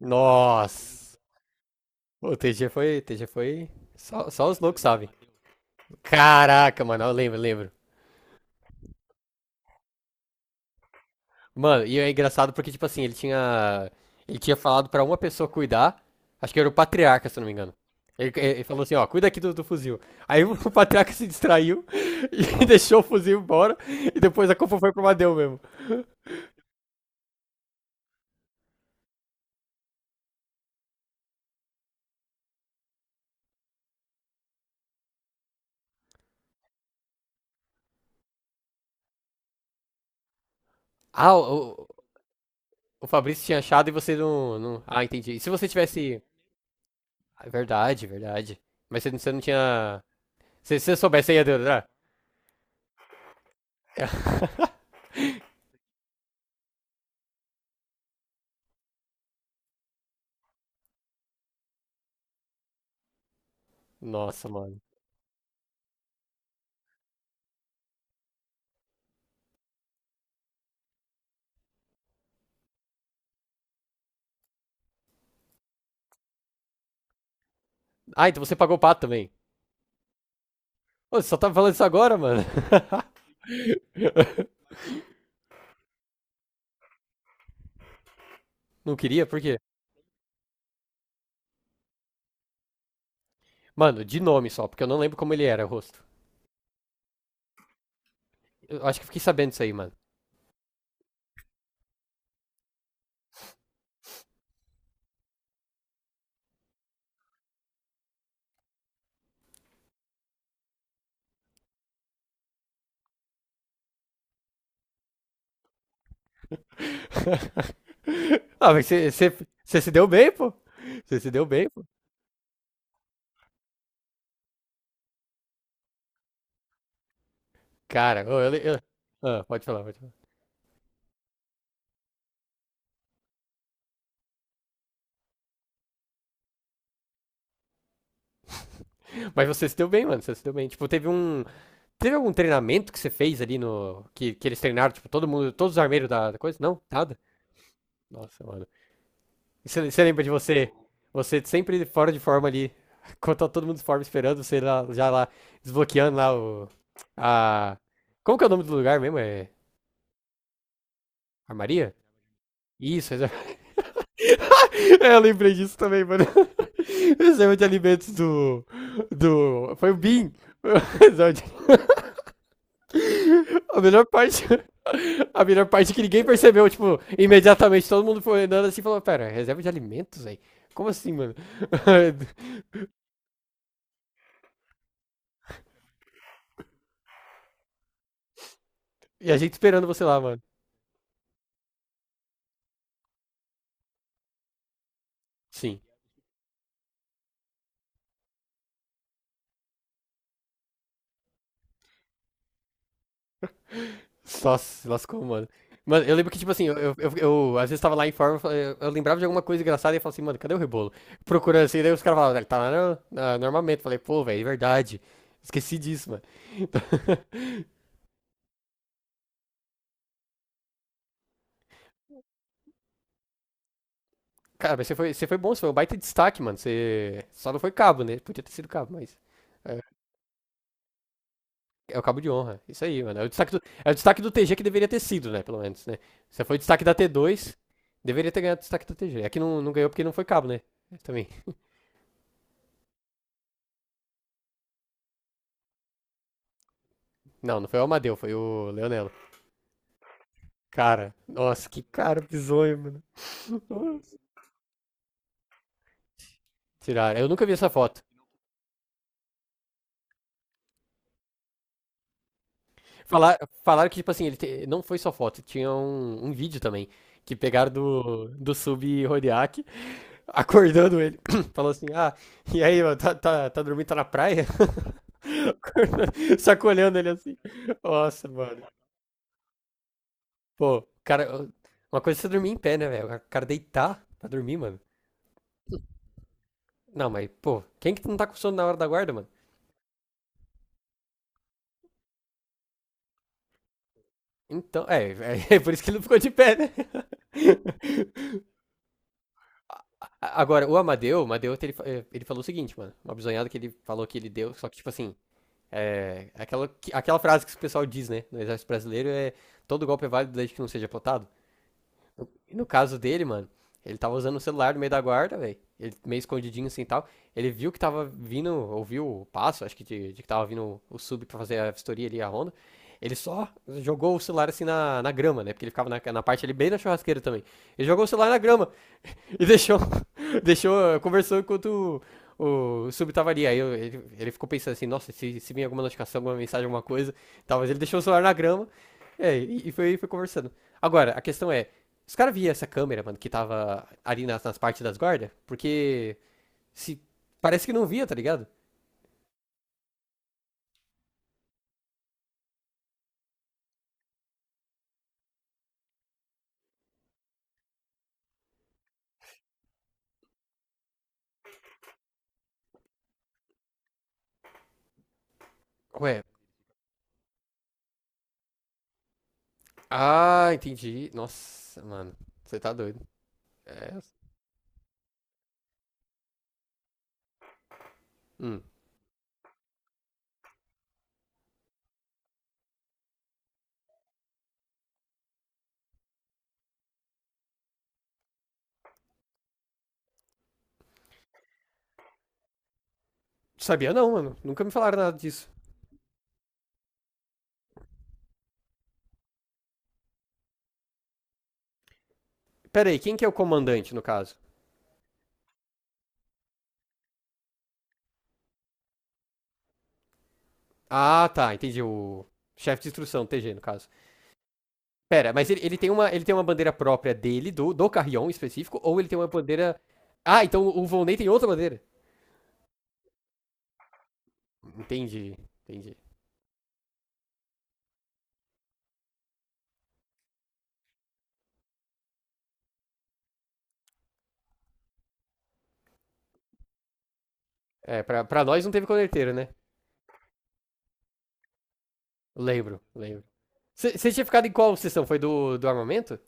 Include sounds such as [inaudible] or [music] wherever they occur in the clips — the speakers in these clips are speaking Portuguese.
Nossa! O TG foi, TG foi. Só os loucos sabem. Caraca, mano, eu lembro, lembro. Mano, e é engraçado porque, tipo assim, ele tinha falado pra uma pessoa cuidar. Acho que era o patriarca, se eu não me engano. Ele falou assim, ó, cuida aqui do fuzil. Aí o [laughs] patriarca se distraiu e [laughs] deixou o fuzil embora. E depois a culpa foi pro Madeu mesmo. Ah, o Fabrício tinha achado e você não. Ah, entendi. E se você tivesse. Ah, verdade, verdade. Mas você não tinha. Se você soubesse, você ia adorar. Nossa, mano. Ah, então você pagou o pato também. Ô, você só tá falando isso agora, mano. [laughs] Não queria? Por quê? Mano, de nome só, porque eu não lembro como ele era, o rosto. Eu acho que eu fiquei sabendo disso aí, mano. [laughs] Ah, mas você se deu bem, pô. Você se deu bem, pô. Cara, ô, eu. Ah, pode falar, pode falar. Mas você se deu bem, mano. Você se deu bem. Tipo, teve um. Teve algum treinamento que você fez ali no. Que eles treinaram, tipo, todo mundo. Todos os armeiros da coisa? Não? Nada? Nossa, mano. E você lembra de você? Você sempre fora de forma ali. [laughs] Quando tá todo mundo de forma esperando, você lá, já lá, desbloqueando lá o. A. Como que é o nome do lugar mesmo? É. Armaria? Isso, reserva. [laughs] É, eu lembrei disso também, mano. [laughs] Reserva de alimentos do. Do. Foi o Bin. [laughs] Reserva de- A melhor parte. [laughs] A melhor parte que ninguém percebeu, tipo, imediatamente todo mundo foi andando assim e falou: Pera, reserva de alimentos, velho? Como assim, mano? [laughs] E a gente esperando você lá, mano. Sim. Só se lascou, mano. Mano, eu lembro que, tipo assim, eu, às vezes tava lá em forma, eu lembrava de alguma coisa engraçada e eu falava assim, mano, cadê o rebolo? Procurando assim, daí os caras falavam, ele tá lá no armamento. Falei, pô, velho, é verdade. Esqueci disso, mano. [laughs] Cara, mas você foi bom, você foi um baita destaque, mano. Você só não foi cabo, né? Podia ter sido cabo, mas. É, é o cabo de honra. Isso aí, mano. É o destaque do TG que deveria ter sido, né? Pelo menos, né? Você foi destaque da T dois deveria ter ganhado o destaque da TG. É que não, não ganhou porque não foi cabo, né? Também. Não, não foi o Amadeu, foi o Leonelo. Cara, nossa, que cara bizonho, mano. Tiraram. Eu nunca vi essa foto. Falar, falaram que, tipo assim, não foi só foto, tinha um vídeo também. Que pegaram do sub Rodiak, acordando ele. [coughs] [clears throat] Falou assim: Ah, e aí, mano, tá dormindo, tá na praia? [laughs] Acordando, sacolhando ele assim. Nossa, mano. Pô, cara, uma coisa é você dormir em pé, né, velho? O cara deitar pra dormir, mano. Não, mas, pô, quem que não tá com sono na hora da guarda, mano? Então, é [laughs] por isso que ele não ficou de pé, né? [laughs] A- Agora, o Amadeu, ele falou o seguinte, mano, uma bisonhada que ele falou que ele deu, só que, tipo assim, é, aquela frase que o pessoal diz, né, no exército brasileiro é, todo golpe é válido desde que não seja plotado. E no caso dele, mano, ele tava usando o celular no meio da guarda, velho. Ele meio escondidinho assim e tal. Ele viu que tava vindo, ouviu o passo, acho que de que tava vindo o sub pra fazer a vistoria ali, a ronda. Ele só jogou o celular assim na grama, né? Porque ele ficava na parte ali bem na churrasqueira também. Ele jogou o celular na grama e [laughs] deixou. Deixou, conversou enquanto o sub tava ali. Aí ele ficou pensando assim, nossa, se vir alguma notificação, alguma mensagem, alguma coisa, tal. Mas ele deixou o celular na grama, e foi conversando. Agora, a questão é, os caras viam essa câmera, mano, que tava ali nas partes das guardas? Porque se parece que não via, tá ligado? Ué, ah, entendi. Nossa, mano, você tá doido. É. Hum. Sabia não, mano. Nunca me falaram nada disso. Pera aí, quem que é o comandante, no caso? Ah, tá, entendi. O chefe de instrução, TG, no caso. Pera, mas ele tem uma bandeira própria dele, do Carrion em específico, ou ele tem uma bandeira. Ah, então o Volney tem outra bandeira. Entendi, entendi. É, pra nós não teve coleteiro, né? Lembro, lembro. Você tinha ficado em qual sessão? Foi do armamento?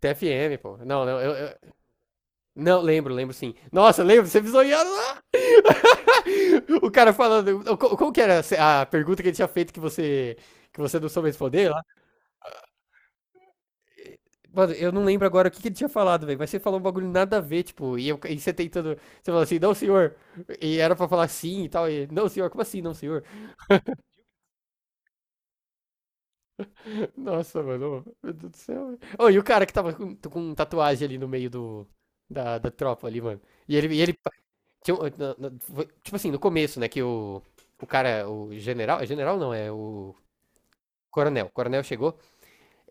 TFM, pô. Não, não, Não, lembro, lembro sim. Nossa, lembro, você visonhando lá! [laughs] O cara falando. Como que era a pergunta que ele tinha feito que você. Que você não soube responder? Mano, eu não lembro agora o que, que ele tinha falado, velho. Mas você falou um bagulho nada a ver, tipo, e você tentando. Você falou assim, não, senhor. E era pra falar sim e tal. E, não, senhor, como assim, não, senhor? [laughs] Nossa, mano. Ô, meu Deus do céu, velho. Ô, e o cara que tava com tatuagem ali no meio do, da tropa ali, mano. E ele tinha um- tipo assim, no começo, né, que o. O cara, o general. É general não, é o. Coronel. O coronel chegou.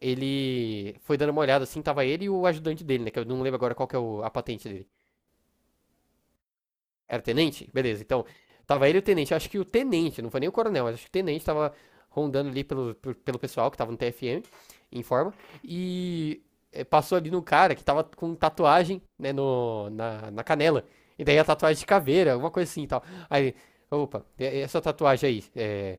Ele foi dando uma olhada assim, tava ele e o ajudante dele, né? Que eu não lembro agora qual que é a patente dele. Era tenente? Beleza, então. Tava ele e o tenente. Acho que o tenente, não foi nem o coronel, mas acho que o tenente tava rondando ali pelo pessoal que tava no TFM, em forma. E passou ali no cara que tava com tatuagem, né, no, na canela. E daí a tatuagem de caveira, alguma coisa assim e tal. Aí, opa, essa tatuagem aí, é,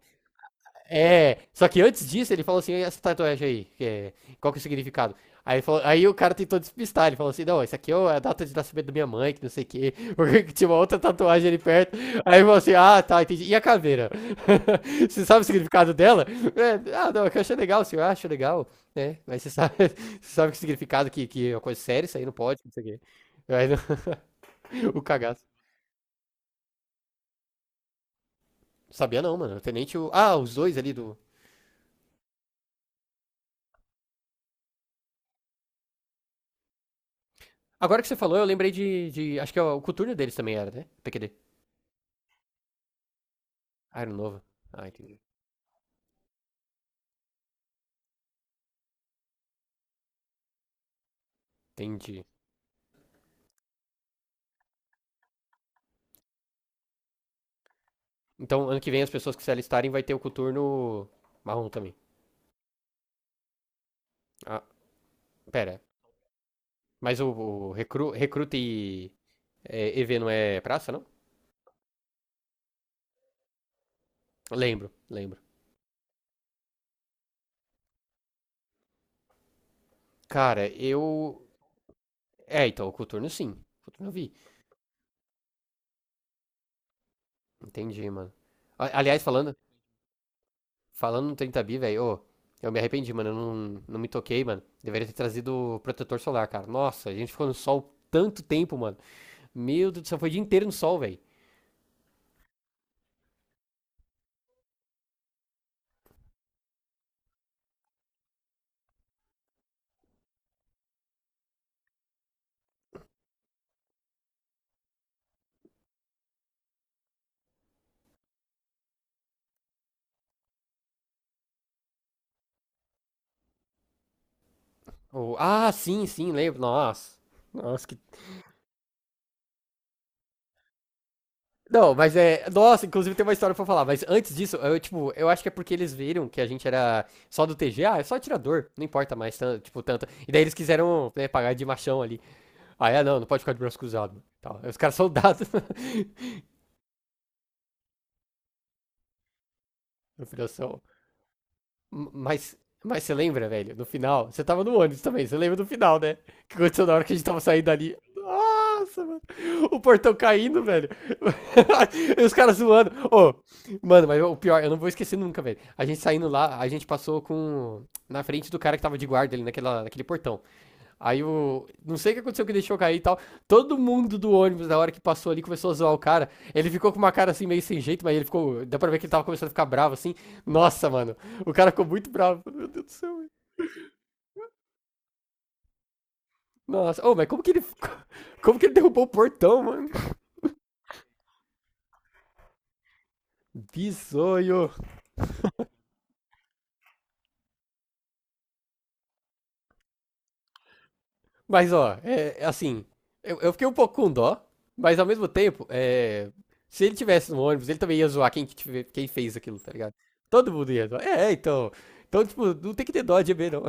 é, só que antes disso ele falou assim, "E essa tatuagem aí, que qual que é o significado? Aí, aí o cara tentou despistar, ele falou assim, não, isso aqui é a data de nascimento da minha mãe, que não sei o quê, [laughs] porque tinha uma outra tatuagem ali perto. Aí ele falou assim, ah, tá, entendi. E a caveira? [laughs] Você sabe o significado dela? É, ah, não, é que eu achei legal, senhor, ah, acho legal, né? Mas você sabe, [laughs] você sabe que significado que é uma coisa séria, isso aí não pode, não sei o quê. Aí, [laughs] o cagaço. Sabia não, mano. O tenente. Ah, os dois ali do. Agora que você falou, eu lembrei acho que é o coturno deles também era, né? PQD. Ah, era novo. Ah, entendi. Entendi. Então, ano que vem, as pessoas que se alistarem vai ter o coturno marrom também. Ah, pera. Mas o recruta e é, EV não é praça, não? Lembro, lembro. Cara, eu. É, então, o coturno sim. O coturno eu vi. Entendi, mano. Aliás, falando, no 30 bi, velho, ô, eu me arrependi, mano. Eu não, não me toquei, mano. Deveria ter trazido protetor solar, cara. Nossa, a gente ficou no sol tanto tempo, mano. Meu Deus do céu, foi o dia inteiro no sol, velho. Oh, ah, sim, sim, lembro. Nossa. Nossa, que. Não, mas é. Nossa, inclusive tem uma história pra falar. Mas antes disso, eu, tipo, eu acho que é porque eles viram que a gente era só do T G. Ah, é só atirador. Não importa mais, tipo, tanto. E daí eles quiseram né, pagar de machão ali. Ah, é, não, não pode ficar de braço cruzado. Tal. Aí os caras soldados. [laughs] Operação. Mas, mas você lembra, velho, no final? Você tava no ônibus também, você lembra do final, né? O que aconteceu na hora que a gente tava saindo ali? Nossa, mano. O portão caindo, velho. [laughs] E os caras zoando. Ô, mano, mas o pior, eu não vou esquecer nunca, velho. A gente saindo lá, a gente passou com. Na frente do cara que tava de guarda ali naquela, naquele portão. Aí o. Não sei o que aconteceu que deixou cair e tal. Todo mundo do ônibus, na hora que passou ali, começou a zoar o cara. Ele ficou com uma cara assim, meio sem jeito, mas ele ficou. Dá pra ver que ele tava começando a ficar bravo assim. Nossa, mano. O cara ficou muito bravo. Meu Deus do céu, velho. Nossa. Ô, oh, mas como que ele. [laughs] Como que ele derrubou o portão, mano? Bizonho. Mas, ó, é assim. Eu fiquei um pouco com dó, mas ao mesmo tempo, é. Se ele tivesse no ônibus, ele também ia zoar quem fez aquilo, tá ligado? Todo mundo ia zoar. É, então. Então, tipo, não tem que ter dó de EB, não.